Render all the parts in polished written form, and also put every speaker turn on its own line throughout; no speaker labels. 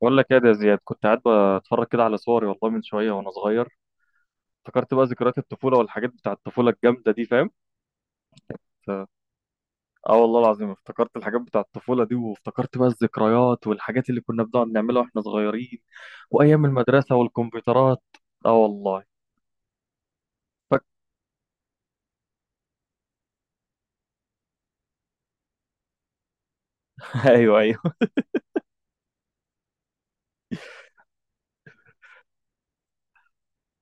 بقول لك ايه ده يا زياد؟ كنت قاعد بتفرج كده على صوري، والله، من شويه. وانا صغير افتكرت بقى ذكريات الطفوله والحاجات بتاع الطفوله الجامده دي، فاهم؟ ف- اه والله العظيم، افتكرت الحاجات بتاع الطفوله دي، وافتكرت بقى الذكريات والحاجات اللي كنا بنقعد نعملها واحنا صغيرين، وايام المدرسه والكمبيوترات. اه والله. فك... ايوه، ايوه،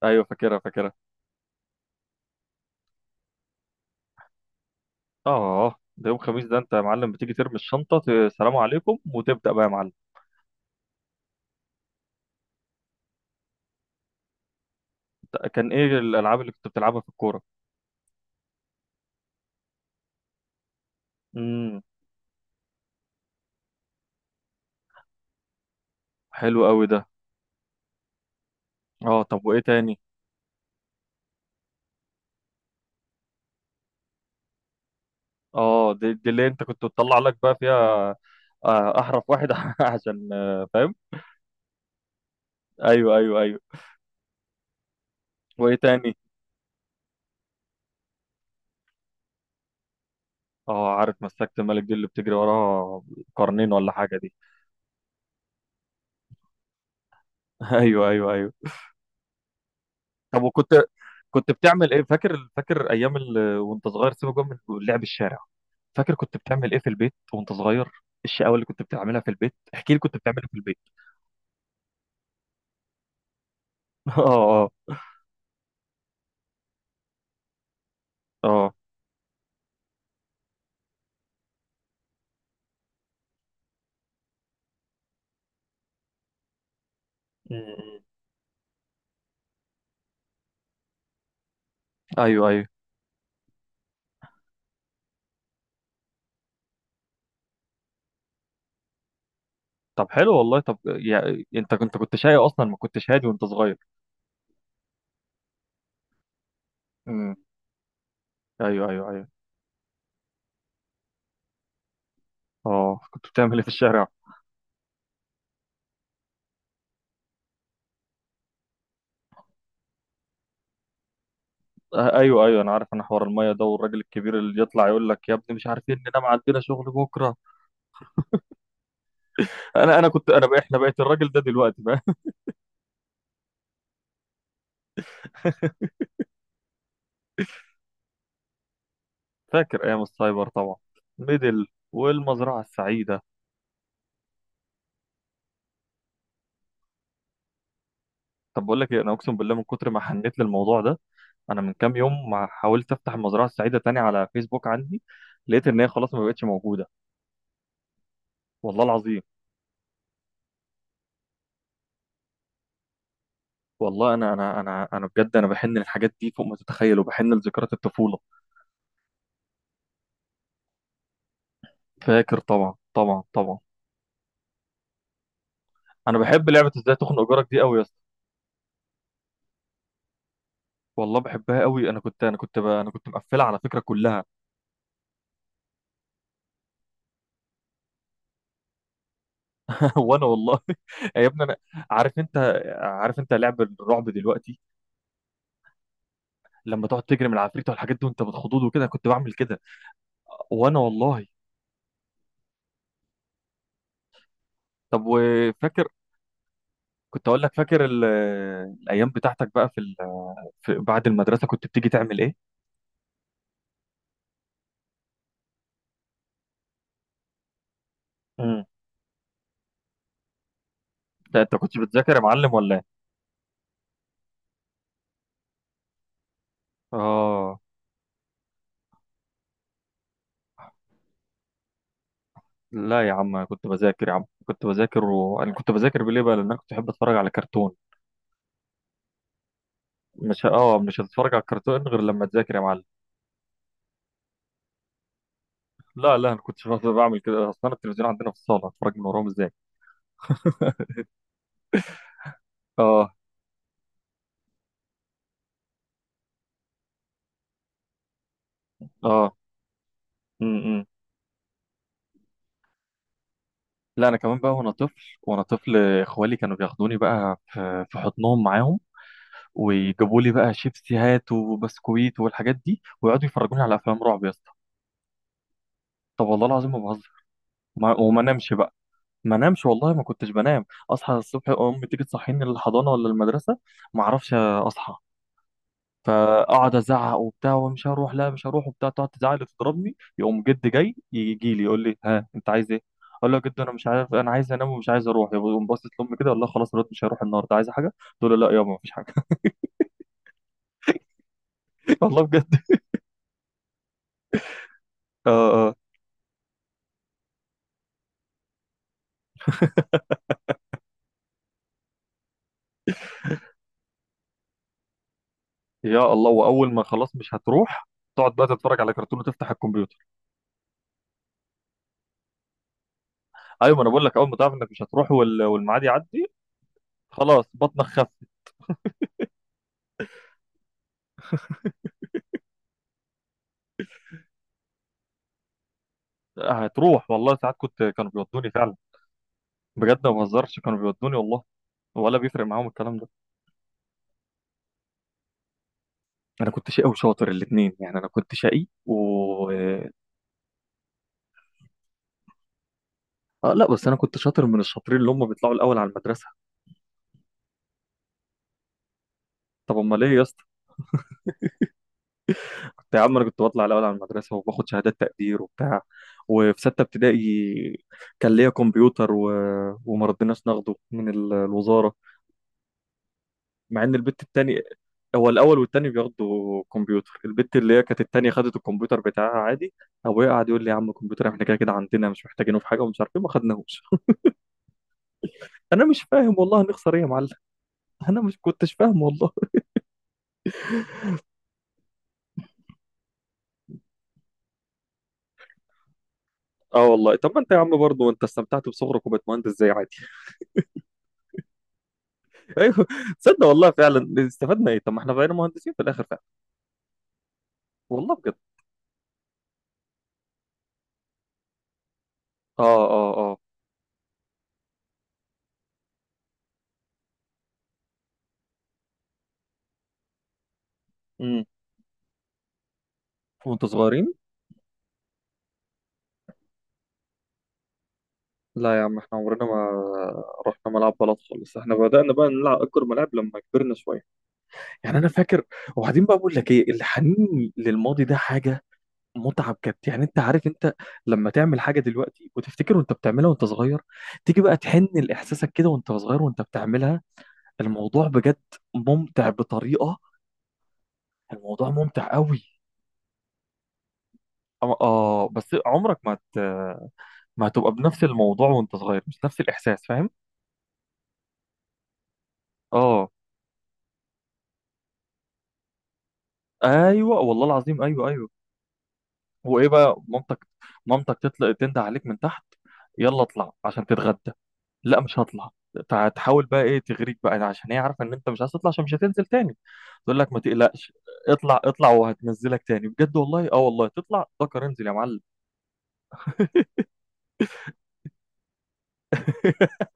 ايوه، فاكرها فاكرها. اه، ده يوم خميس، ده انت يا معلم بتيجي ترمي الشنطه، سلام عليكم وتبدا بقى يا معلم. كان ايه الالعاب اللي كنت بتلعبها في الكوره؟ امم. حلو قوي ده. اه، طب وايه تاني؟ اه، دي اللي انت كنت بتطلع لك بقى فيها. احرف واحد عشان فاهم. ايوه، ايوه، ايوه. وايه تاني؟ اه عارف، مسكت الملك دي اللي بتجري وراها قرنين ولا حاجه دي. ايوه، ايوه، ايوه. طب وكنت، كنت بتعمل ايه؟ فاكر فاكر ايام وانت صغير، سيبك بقى من لعب الشارع، فاكر كنت بتعمل ايه في البيت وانت صغير؟ الشقاوه اللي كنت بتعملها في البيت، احكي لي كنت بتعمل ايه في البيت. اه، اه، اه. مم. ايوه، ايوه. طب حلو والله. طب يعني انت كنت شقي اصلا؟ ما كنتش هادي وانت صغير؟ امم. ايوه، ايوه، ايوه. اه، كنت بتعمل ايه في الشارع؟ آه، ايوه ايوه، انا عارف، انا حوار الميه ده، والراجل الكبير اللي يطلع يقول لك يا ابني مش عارفين اننا ما عندنا شغل بكره. انا كنت انا بقى، احنا بقيت الراجل ده دلوقتي بقى. فاكر ايام السايبر طبعا، ميدل والمزرعه السعيده. طب بقول لك ايه، انا اقسم بالله من كتر ما حنيت للموضوع ده. انا من كام يوم ما حاولت افتح المزرعه السعيده تاني على فيسبوك عندي، لقيت ان هي خلاص ما بقتش موجوده. والله العظيم. والله انا بجد انا بحن للحاجات دي فوق ما تتخيل، وبحن لذكريات الطفوله. فاكر طبعا، طبعا، طبعا. انا بحب لعبه ازاي تخنق جارك دي قوي يا اسطى. والله بحبها قوي. انا كنت مقفلها على فكره كلها. وانا والله. يا ابني انا، عارف انت عارف انت لعب الرعب دلوقتي، لما تقعد تجري من العفريت والحاجات دي وانت بتخضوض وكده، أنا كنت بعمل كده. وانا والله. طب وفاكر، كنت اقول لك فاكر الايام بتاعتك بقى في بعد المدرسه، كنت بتيجي تعمل ايه؟ امم. انت كنت بتذاكر يا معلم ولا ايه؟ اه. لا يا عم، أنا كنت بذاكر يا عم، كنت بذاكر، وانا كنت بذاكر ليه بقى؟ لان انا كنت بحب اتفرج على كرتون. مش، مش هتتفرج على الكرتون غير لما تذاكر يا معلم. لا لا، انا كنتش بقدر بعمل كده اصلا، التلفزيون عندنا في الصاله، اتفرج من وراهم ازاي؟ اه، اه. امم. لا انا كمان بقى وانا طفل، وانا طفل اخوالي كانوا بياخدوني بقى في حضنهم معاهم، ويجيبوا لي بقى شيبسي هات وبسكويت والحاجات دي، ويقعدوا يفرجوني على افلام رعب يا اسطى. طب والله العظيم ما بهزر. وما انامش بقى. ما نامش والله، ما كنتش بنام. اصحى الصبح، امي تيجي تصحيني للحضانه ولا المدرسه، ما اعرفش اصحى، فاقعد ازعق وبتاع ومش هروح، لا مش هروح وبتاع. تقعد تزعق وتضربني، يقوم جد جاي يجي لي يقول لي: ها، انت عايز ايه؟ اقول له: يا جد، انا مش عارف، انا عايز انام ومش عايز اروح. يقوم باصص لامي كده، والله خلاص، رد مش هروح النهارده، عايز حاجه؟ تقول له: لا يابا، مفيش حاجه. والله بجد. اه، اه. يا الله، واول ما خلاص مش هتروح، تقعد بقى تتفرج على كرتون وتفتح الكمبيوتر. ايوه، ما انا بقول لك، اول ما تعرف انك مش هتروح، والميعاد يعدي، خلاص بطنك خف. هتروح والله، ساعات كنت، كانوا بيودوني فعلا، بجد ما بهزرش كانوا بيودوني والله. ولا بيفرق معاهم الكلام ده. انا كنت شقي وشاطر الاثنين، يعني انا كنت شقي و... آه، لا بس انا كنت شاطر، من الشاطرين اللي هم بيطلعوا الاول على المدرسه. طب امال ليه يا اسطى؟ كنت يا عم، انا كنت بطلع الاول على المدرسه وباخد شهادات تقدير وبتاع. وفي سته ابتدائي كان ليا كمبيوتر وما رضيناش ناخده من الوزاره. مع ان البت التاني، هو الاول والتاني بياخدوا كمبيوتر، البت اللي هي كانت التانية خدت الكمبيوتر بتاعها عادي. ابويا قعد يقول لي يا عم الكمبيوتر احنا كده كده عندنا، مش محتاجينه في حاجه ومش عارف ايه، ما خدناهوش. انا مش فاهم والله، هنخسر ايه يا معلم؟ انا مش كنتش فاهم والله. اه والله. طب ما انت يا عم برضه انت استمتعت بصغرك وبقيت مهندس زي عادي. ايوه. تصدق والله فعلا استفدنا ايه، طب ما احنا بقينا مهندسين في الاخر فعلا. والله بجد. اه، اه، اه. امم. وانتوا صغيرين. لا يا عم، احنا عمرنا ما رحنا ملعب بلد خالص، احنا بدأنا بقى نلعب اكبر ملاعب لما كبرنا شويه. يعني انا فاكر. وبعدين بقى، بقول لك ايه، الحنين للماضي ده حاجه متعه بجد، يعني انت عارف، انت لما تعمل حاجه دلوقتي وتفتكر وانت بتعملها وانت صغير، تيجي بقى تحن لاحساسك كده وانت صغير وانت بتعملها. الموضوع بجد ممتع بطريقه، الموضوع ممتع قوي. بس عمرك ما ما هتبقى بنفس الموضوع وانت صغير، مش نفس الاحساس، فاهم؟ اه. ايوه والله العظيم، ايوه، ايوه. وايه بقى؟ مامتك، مامتك تطلق تنده عليك من تحت: يلا اطلع عشان تتغدى. لا مش هطلع. تحاول بقى ايه، تغريك بقى، عشان هي عارفه ان انت مش عايز تطلع عشان مش هتنزل تاني. تقول لك: ما تقلقش اطلع، اطلع وهتنزلك تاني بجد والله. اه، والله تطلع ذكر انزل يا معلم.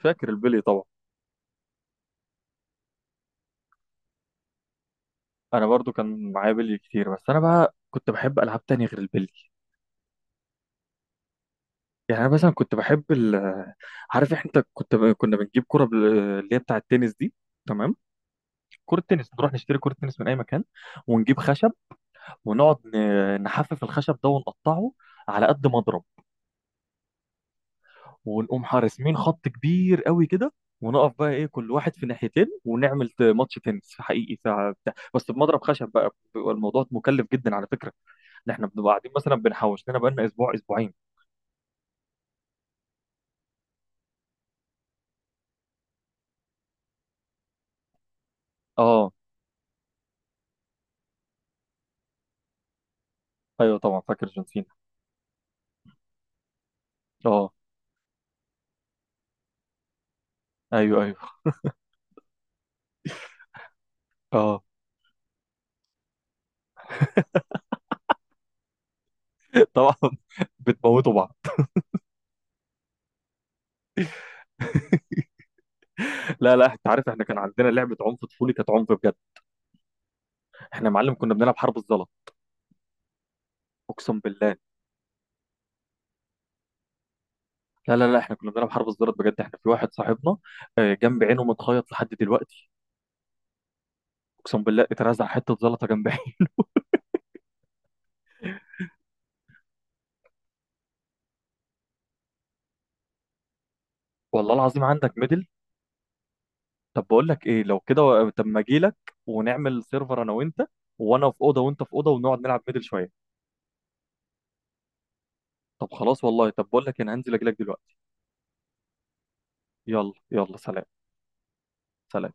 فاكر البلي طبعا. انا برضو كان معايا بلي كتير، بس انا بقى كنت بحب العاب تانية غير البلي. يعني انا مثلا كنت بحب عارف انت كنت كنا بنجيب كرة اللي هي بتاع التنس دي. تمام. كرة تنس، نروح نشتري كرة تنس من اي مكان، ونجيب خشب ونقعد نحفف الخشب ده ونقطعه على قد مضرب، ونقوم حارسين خط كبير قوي كده، ونقف بقى ايه كل واحد في ناحيتين ونعمل ماتش تنس حقيقي ساعة بتاع، بس بمضرب خشب بقى. بيبقى الموضوع مكلف جدا على فكره، ان احنا بنبقى قاعدين مثلا بنحوش لنا بقى لنا اسبوع اسبوعين. اه، ايوه طبعا، فاكر جون سينا. اه. ايوه، ايوه. اه. طبعا. بتموتوا بعض. لا لا، انت عارف احنا كان عندنا لعبه عنف طفولي كانت عنف بجد، احنا يا معلم كنا بنلعب حرب الزلط. اقسم بالله. لا لا لا، احنا كنا بنلعب حرب الزلط بجد، احنا في واحد صاحبنا جنب عينه متخيط لحد دلوقتي. اقسم بالله، اترزع حته زلطه جنبي. والله العظيم عندك ميدل؟ طب بقول لك ايه، لو كده طب ما اجي لك ونعمل سيرفر انا وانت، وانا في اوضه وانت في اوضه ونقعد نلعب ميدل شويه. طب خلاص والله، طب بقول لك إيه، انا هنزل اجي لك دلوقتي. يلا يلا سلام. سلام.